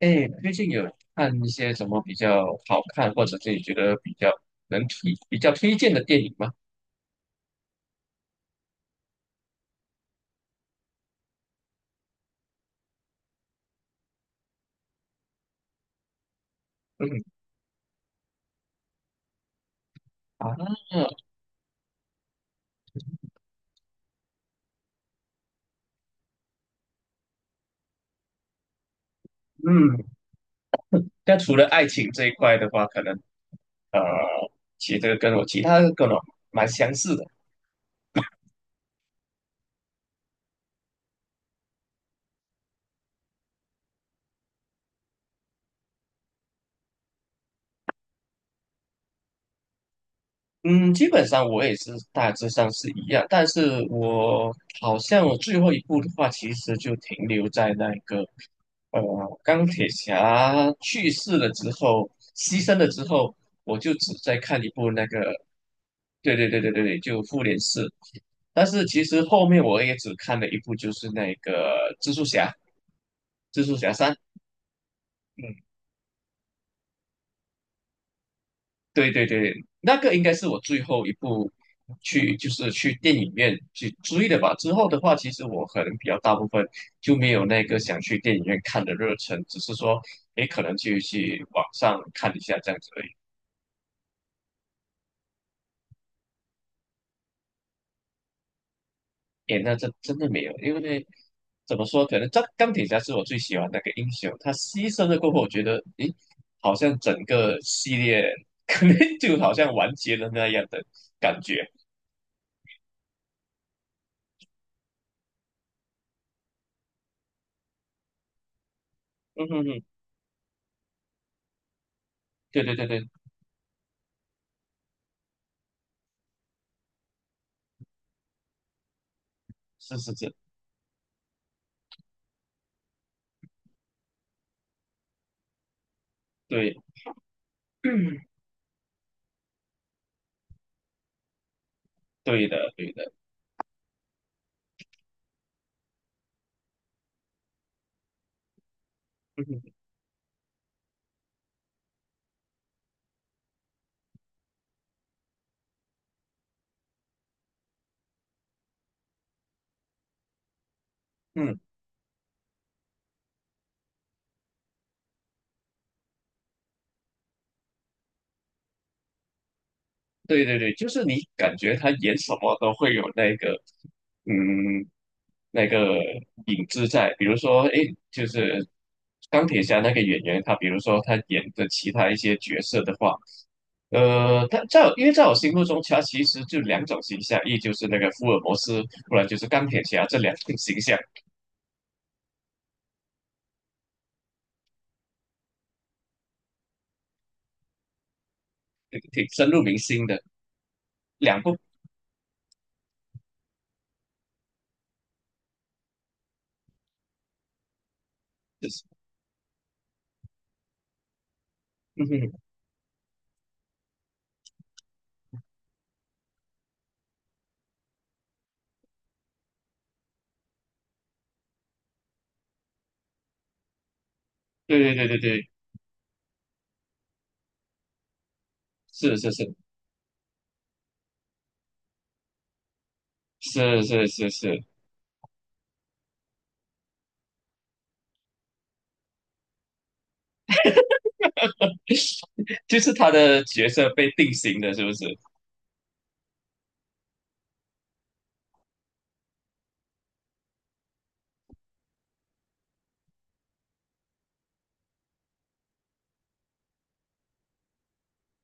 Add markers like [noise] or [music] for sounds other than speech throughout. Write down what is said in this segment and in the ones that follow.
哎，最近有看一些什么比较好看，或者自己觉得比较能推、比较推荐的电影吗？嗯啊，嗯，那除了爱情这一块的话，可能呃，其实这个跟我其他的跟我蛮相似的。嗯，基本上我也是大致上是一样，但是我好像我最后一部的话，其实就停留在那个呃钢铁侠去世了之后，牺牲了之后，我就只在看一部那个，对对对对对对，就复联四。但是其实后面我也只看了一部，就是那个蜘蛛侠，蜘蛛侠三，嗯对对对，那个应该是我最后一部去，就是去电影院去追的吧。之后的话，其实我可能比较大部分就没有那个想去电影院看的热忱，只是说，诶，可能就去网上看一下这样子而已。诶，那这真的没有，因为怎么说，可能钢铁侠是我最喜欢那个英雄，他牺牲了过后，我觉得，诶，好像整个系列 [laughs] 可能就好像完结了那样的感觉。嗯哼哼，对对对对，是是是，对。[clears throat] 嗯，对的，对的，嗯嗯，对对对，就是你感觉他演什么都会有那个，嗯，那个影子在。比如说，诶，就是钢铁侠那个演员，他比如说他演的其他一些角色的话，他在我因为在我心目中，他其实就两种形象，一就是那个福尔摩斯，不然就是钢铁侠这两种形象，挺挺深入民心的，2部，[laughs] 嗯哼，对对对对对，是是是是是是是。[laughs] 就是他的角色被定型了，是不是？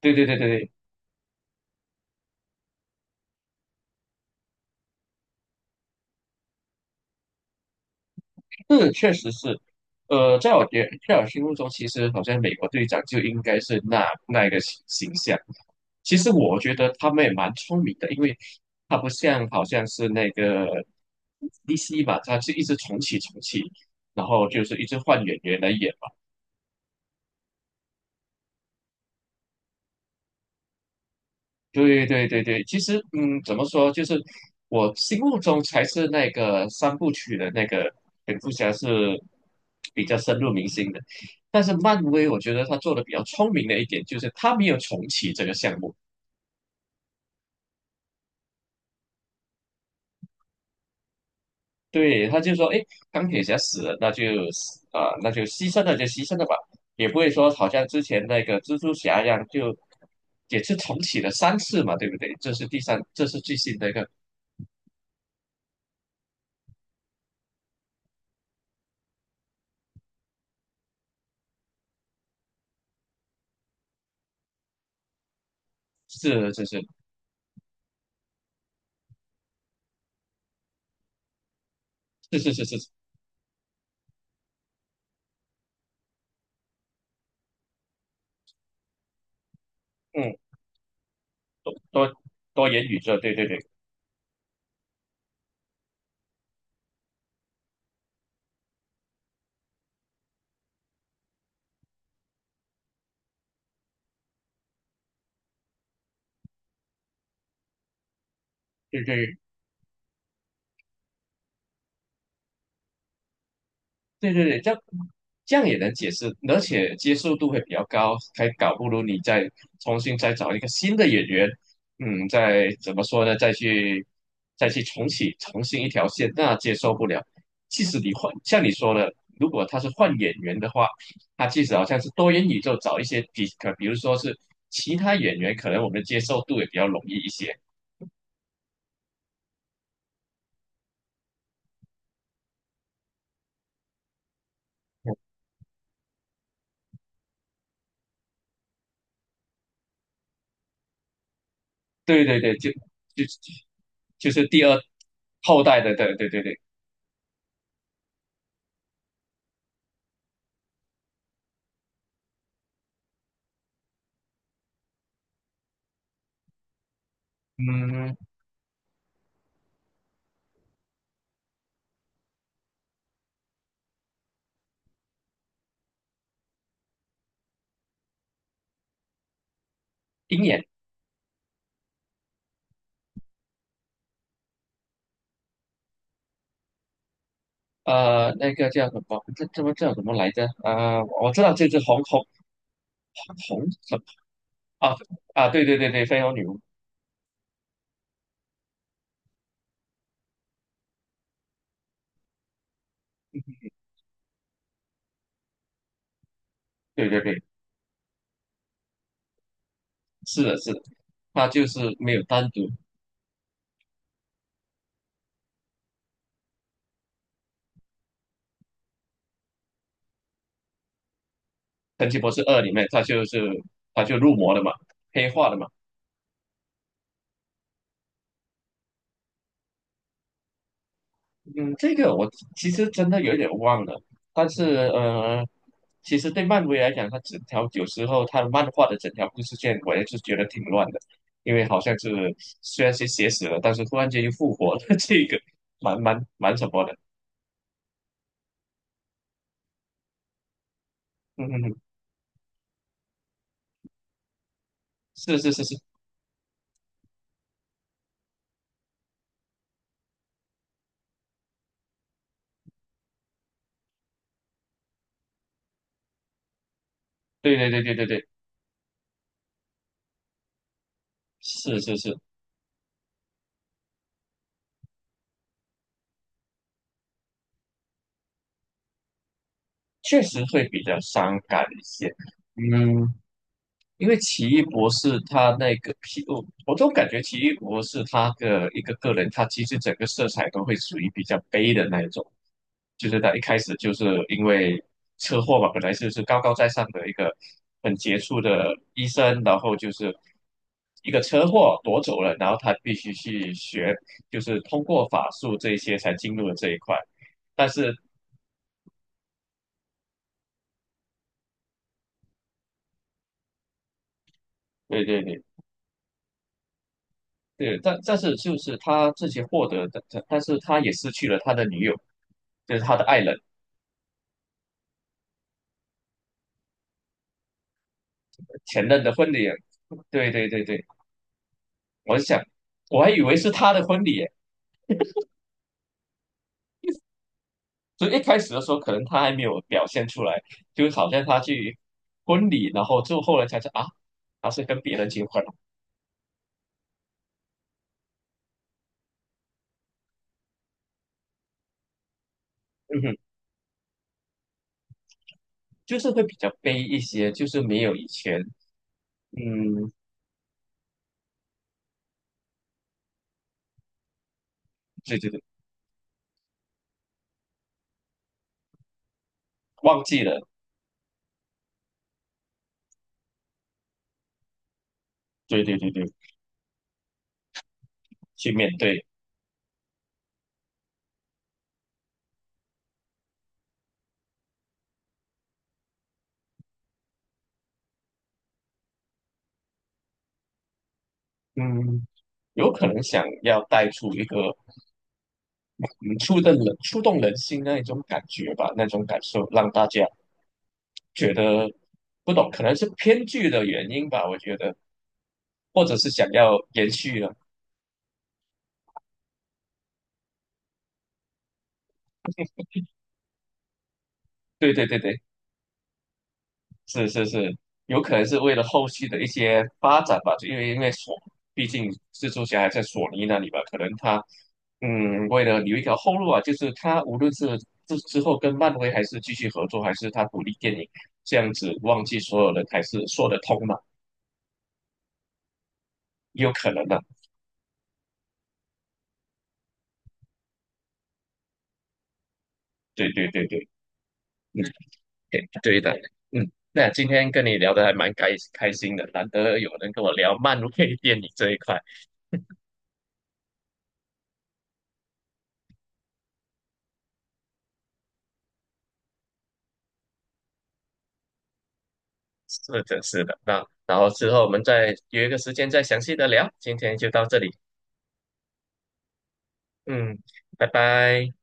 对对对对对，是确实是。在我觉在我心目中，其实好像美国队长就应该是那一个形象。其实我觉得他们也蛮聪明的，因为他不像好像是那个 DC 吧，他是一直重启重启，然后就是一直换演员来演，对对对对，其实怎么说，就是我心目中才是那个三部曲的那个蝙蝠侠是比较深入民心的，但是漫威我觉得他做的比较聪明的一点就是他没有重启这个项目，对，他就说，哎，钢铁侠死了，那就死啊、那就牺牲了就牺牲了吧，也不会说好像之前那个蜘蛛侠一样就也是重启了3次嘛，对不对？这是第三，这是最新的一个，是是是是是是是，嗯多多元宇宙，对对对对对对对对，这样这样也能解释，而且接受度会比较高，还搞不如你再重新再找一个新的演员，嗯，再怎么说呢，再去重启重新一条线，那接受不了。即使你换，像你说的，如果他是换演员的话，他即使好像是多元宇宙找一些比如说是其他演员，可能我们接受度也比较容易一些。对对对，就就是第二后代的，对对对对，嗯，鹰眼，那个叫什么？这么叫什么来着？啊，我知道这只红红红什么啊啊，对对对对，飞龙女巫，对对对，是的，是的，它就是没有单独《神奇博士二》里面，它就是它就入魔了嘛，黑化了嘛。嗯，这个我其实真的有点忘了，但是呃，其实对漫威来讲，它整条有时候它漫画的整条故事线，我也是觉得挺乱的，因为好像是虽然是写死了，但是突然间又复活了，[laughs] 这个蛮什么的，嗯嗯嗯，是是是是，对对对对对对，是是是，确实会比较伤感一些，嗯，因为奇异博士他那个皮，我总感觉奇异博士他的一个个人，他其实整个色彩都会属于比较悲的那一种，就是他一开始就是因为车祸嘛，本来就是高高在上的一个很杰出的医生，然后就是一个车祸夺走了，然后他必须去学，就是通过法术这一些才进入了这一块，但是对对对对，但是就是他自己获得的，但是他也失去了他的女友。就是他的爱人前任的婚礼。对对对对，我想我还以为是他的婚礼耶，所以一开始的时候可能他还没有表现出来，就好像他去婚礼，然后就后来才知道啊，他是跟别人结婚了。嗯哼，就是会比较悲一些，就是没有以前，嗯，对对对，忘记了，对对对对，去面对，嗯，有可能想要带出一个触动人心那一种感觉吧，那种感受让大家觉得不懂，可能是偏剧的原因吧，我觉得，或者是想要延续了。对对对对，是是是，有可能是为了后续的一些发展吧，就因为因为索，毕竟蜘蛛侠还在索尼那里吧，可能他为了留一条后路啊，就是他无论是之后跟漫威还是继续合作，还是他独立电影这样子，忘记所有人还是说得通嘛，也有可能的。对对对对，嗯。对对的，嗯，那今天跟你聊得还蛮开心的，难得有人跟我聊漫威电影这一块，是的，是的。那然后之后我们再约一个时间再详细的聊，今天就到这里，嗯，拜拜。